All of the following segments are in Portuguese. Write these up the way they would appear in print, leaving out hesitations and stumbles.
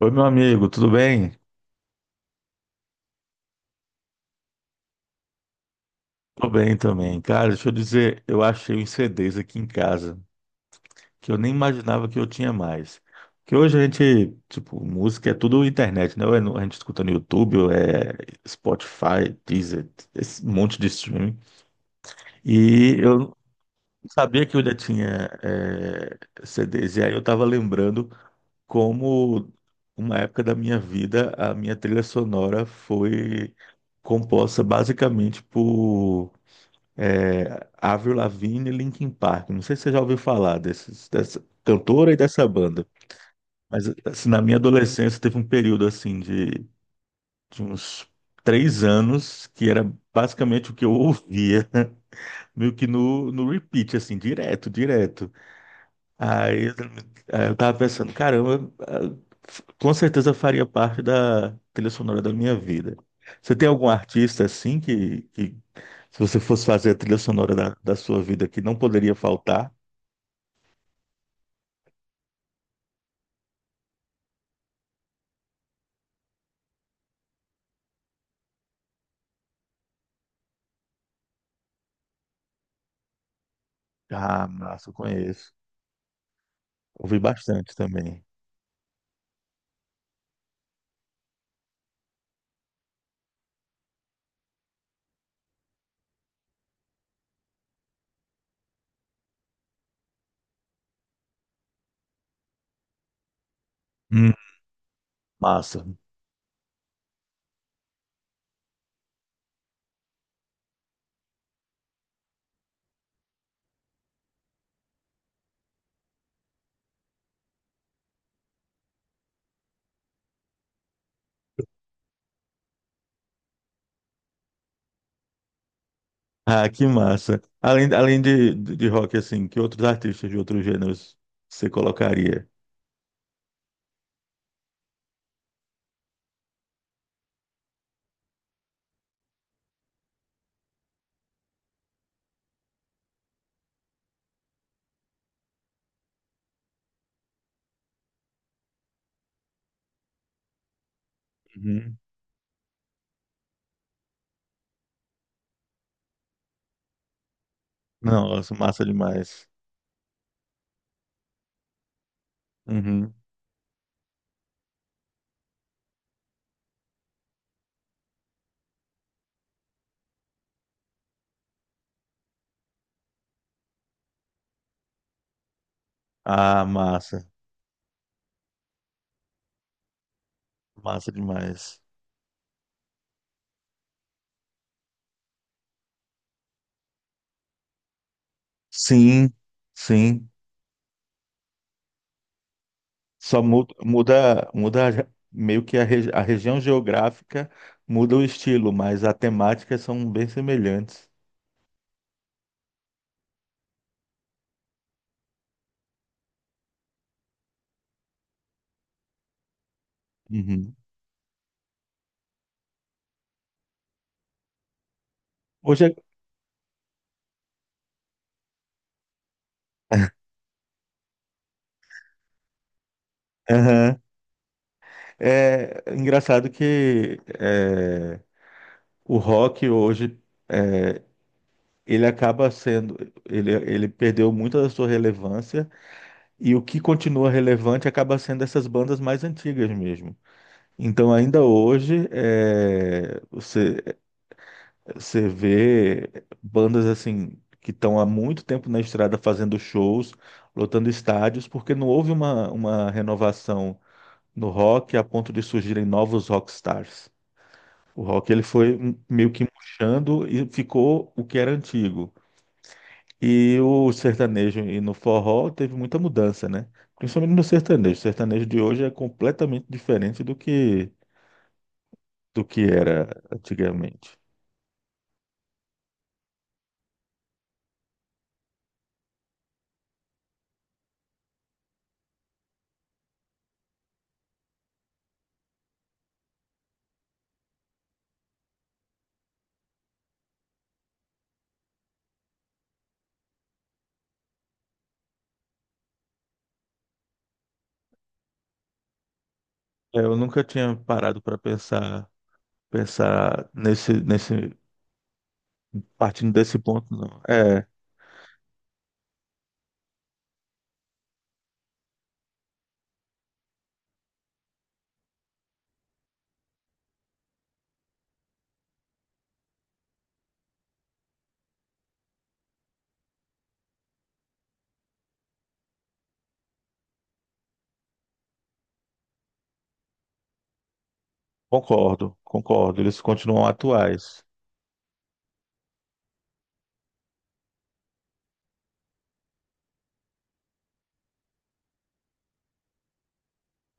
Oi, meu amigo, tudo bem? Tudo bem também. Cara, deixa eu dizer, eu achei uns CDs aqui em casa que eu nem imaginava que eu tinha mais. Porque hoje a gente, tipo, música é tudo internet, né? Ou é no- a gente escuta no YouTube, ou é Spotify, Deezer, esse monte de streaming. E eu não sabia que eu já tinha CDs. E aí eu tava lembrando como uma época da minha vida a minha trilha sonora foi composta basicamente por É, Avril Lavigne e Linkin Park. Não sei se você já ouviu falar desses, dessa cantora e dessa banda. Mas assim, na minha adolescência teve um período assim de uns três anos que era basicamente o que eu ouvia, meio que no repeat, assim, direto, direto. Aí, eu aí eu tava pensando, caramba, ah, f- com certeza faria parte da trilha sonora da minha vida. Você tem algum artista assim que se você fosse fazer a trilha sonora da, da sua vida que não poderia faltar, ah, massa, eu conheço. Ouvi bastante também. Hum, massa. Ah, que massa. Além, além de rock, assim, que outros artistas de outros gêneros você colocaria? Uhum. Nossa, massa demais. Uhum. Ah, massa. Massa demais. Sim, sim. Só muda, muda, muda a- meio que a, regi- a região geográfica muda o estilo, mas as temáticas são bem semelhantes. Uhum. Hoje é, aham. É engraçado que é, o rock hoje é, ele acaba sendo, ele perdeu muito da sua relevância e o que continua relevante acaba sendo essas bandas mais antigas mesmo. Então ainda hoje é, você você vê bandas assim que estão há muito tempo na estrada fazendo shows, lotando estádios, porque não houve uma renovação no rock a ponto de surgirem novos rockstars. O rock ele foi meio que murchando e ficou o que era antigo. E o sertanejo e no forró teve muita mudança, né? Principalmente no sertanejo. O sertanejo de hoje é completamente diferente do que era antigamente. É, eu nunca tinha parado para pensar nesse, nesse, partindo desse ponto, não. É, concordo, concordo. Eles continuam atuais.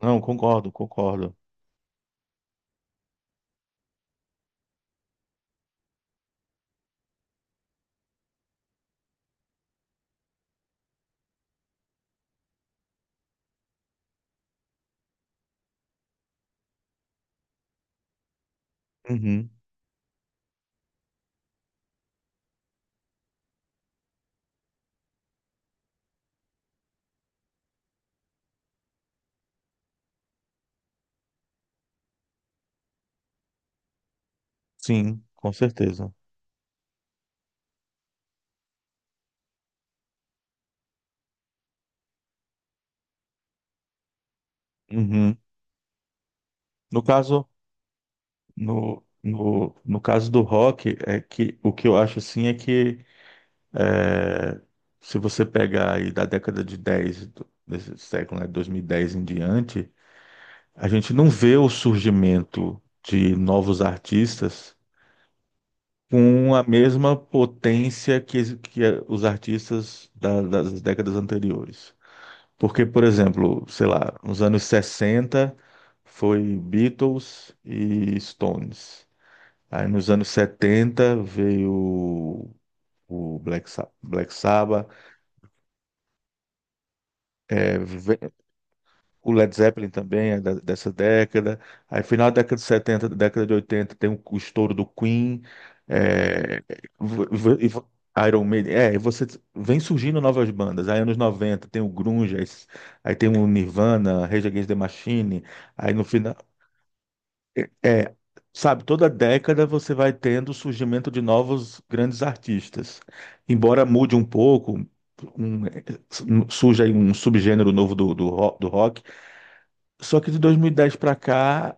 Não, concordo, concordo. Uhum, sim, com certeza. Uhum. No caso, no caso do rock, é que o que eu acho assim é que é, se você pegar aí da década de 10 do- desse século, né, 2010 em diante, a gente não vê o surgimento de novos artistas com a mesma potência que, es- que os artistas da- das décadas anteriores. Porque, por exemplo, sei lá, nos anos 60 foi Beatles e Stones. Aí nos anos 70 veio o Black, Sa- Black Sabbath. O Led Zeppelin também é da- dessa década. Aí, final da década de 70, década de 80 tem o estouro do Queen. É, v- v- e v- Iron Maiden. É, e você vem surgindo novas bandas. Aí, anos 90 tem o Grunge. Aí, s- aí tem o Nirvana, Rage Against the Machine. Aí, no final. É, sabe, toda década você vai tendo o surgimento de novos grandes artistas. Embora mude um pouco. Um- surge aí um subgênero novo do, do, ro- do rock, só que de 2010 para cá,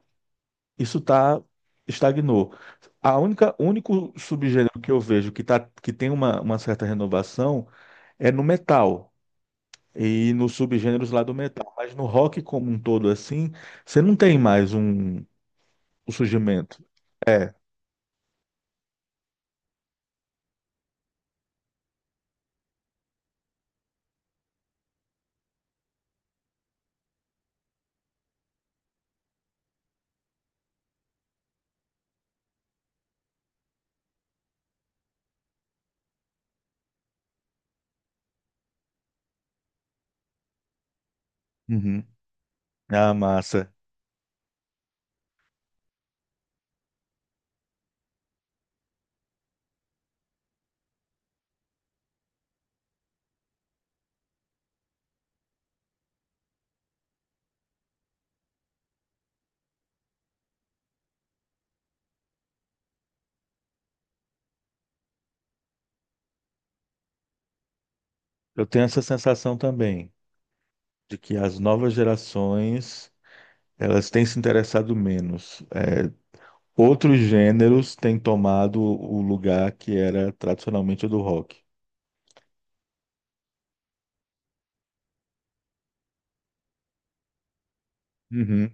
isso tá estagnou. A única o único subgênero que eu vejo que tá que tem uma certa renovação é no metal e nos subgêneros lá do metal, mas no rock como um todo assim, você não tem mais um, um surgimento. Uhum. Ah, massa. Eu tenho essa sensação também de que as novas gerações elas têm se interessado menos. É, outros gêneros têm tomado o lugar que era tradicionalmente o do rock. Uhum,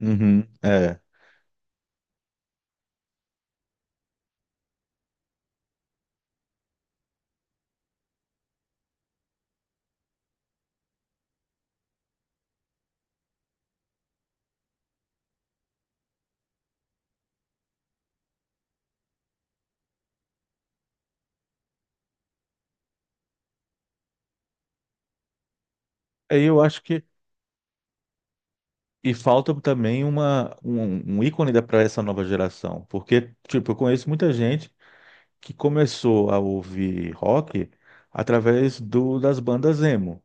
uhum, é. Aí eu acho que. E falta também uma, um ícone para essa nova geração. Porque, tipo, eu conheço muita gente que começou a ouvir rock através do, das bandas emo.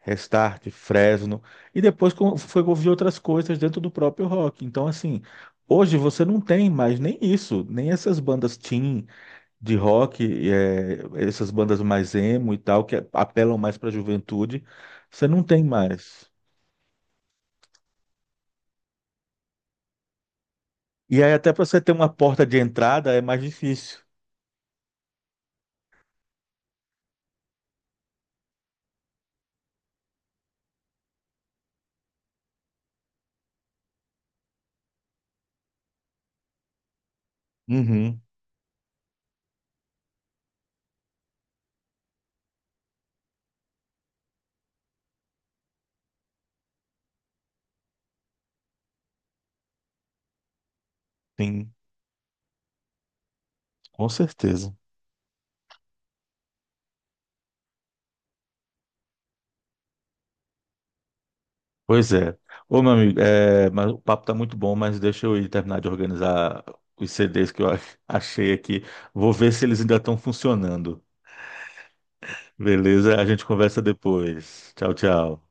Restart, Fresno. E depois co- foi ouvir outras coisas dentro do próprio rock. Então, assim, hoje você não tem mais nem isso, nem essas bandas teen. De rock, eh, essas bandas mais emo e tal, que é, apelam mais para a juventude, você não tem mais. E aí, até para você ter uma porta de entrada, é mais difícil. Uhum, sim, com certeza. Pois é. Ô, meu amigo, eh, mas o papo tá muito bom, mas deixa eu ir terminar de organizar os CDs que eu ach- achei aqui. Vou ver se eles ainda estão funcionando. Beleza? A gente conversa depois. Tchau, tchau.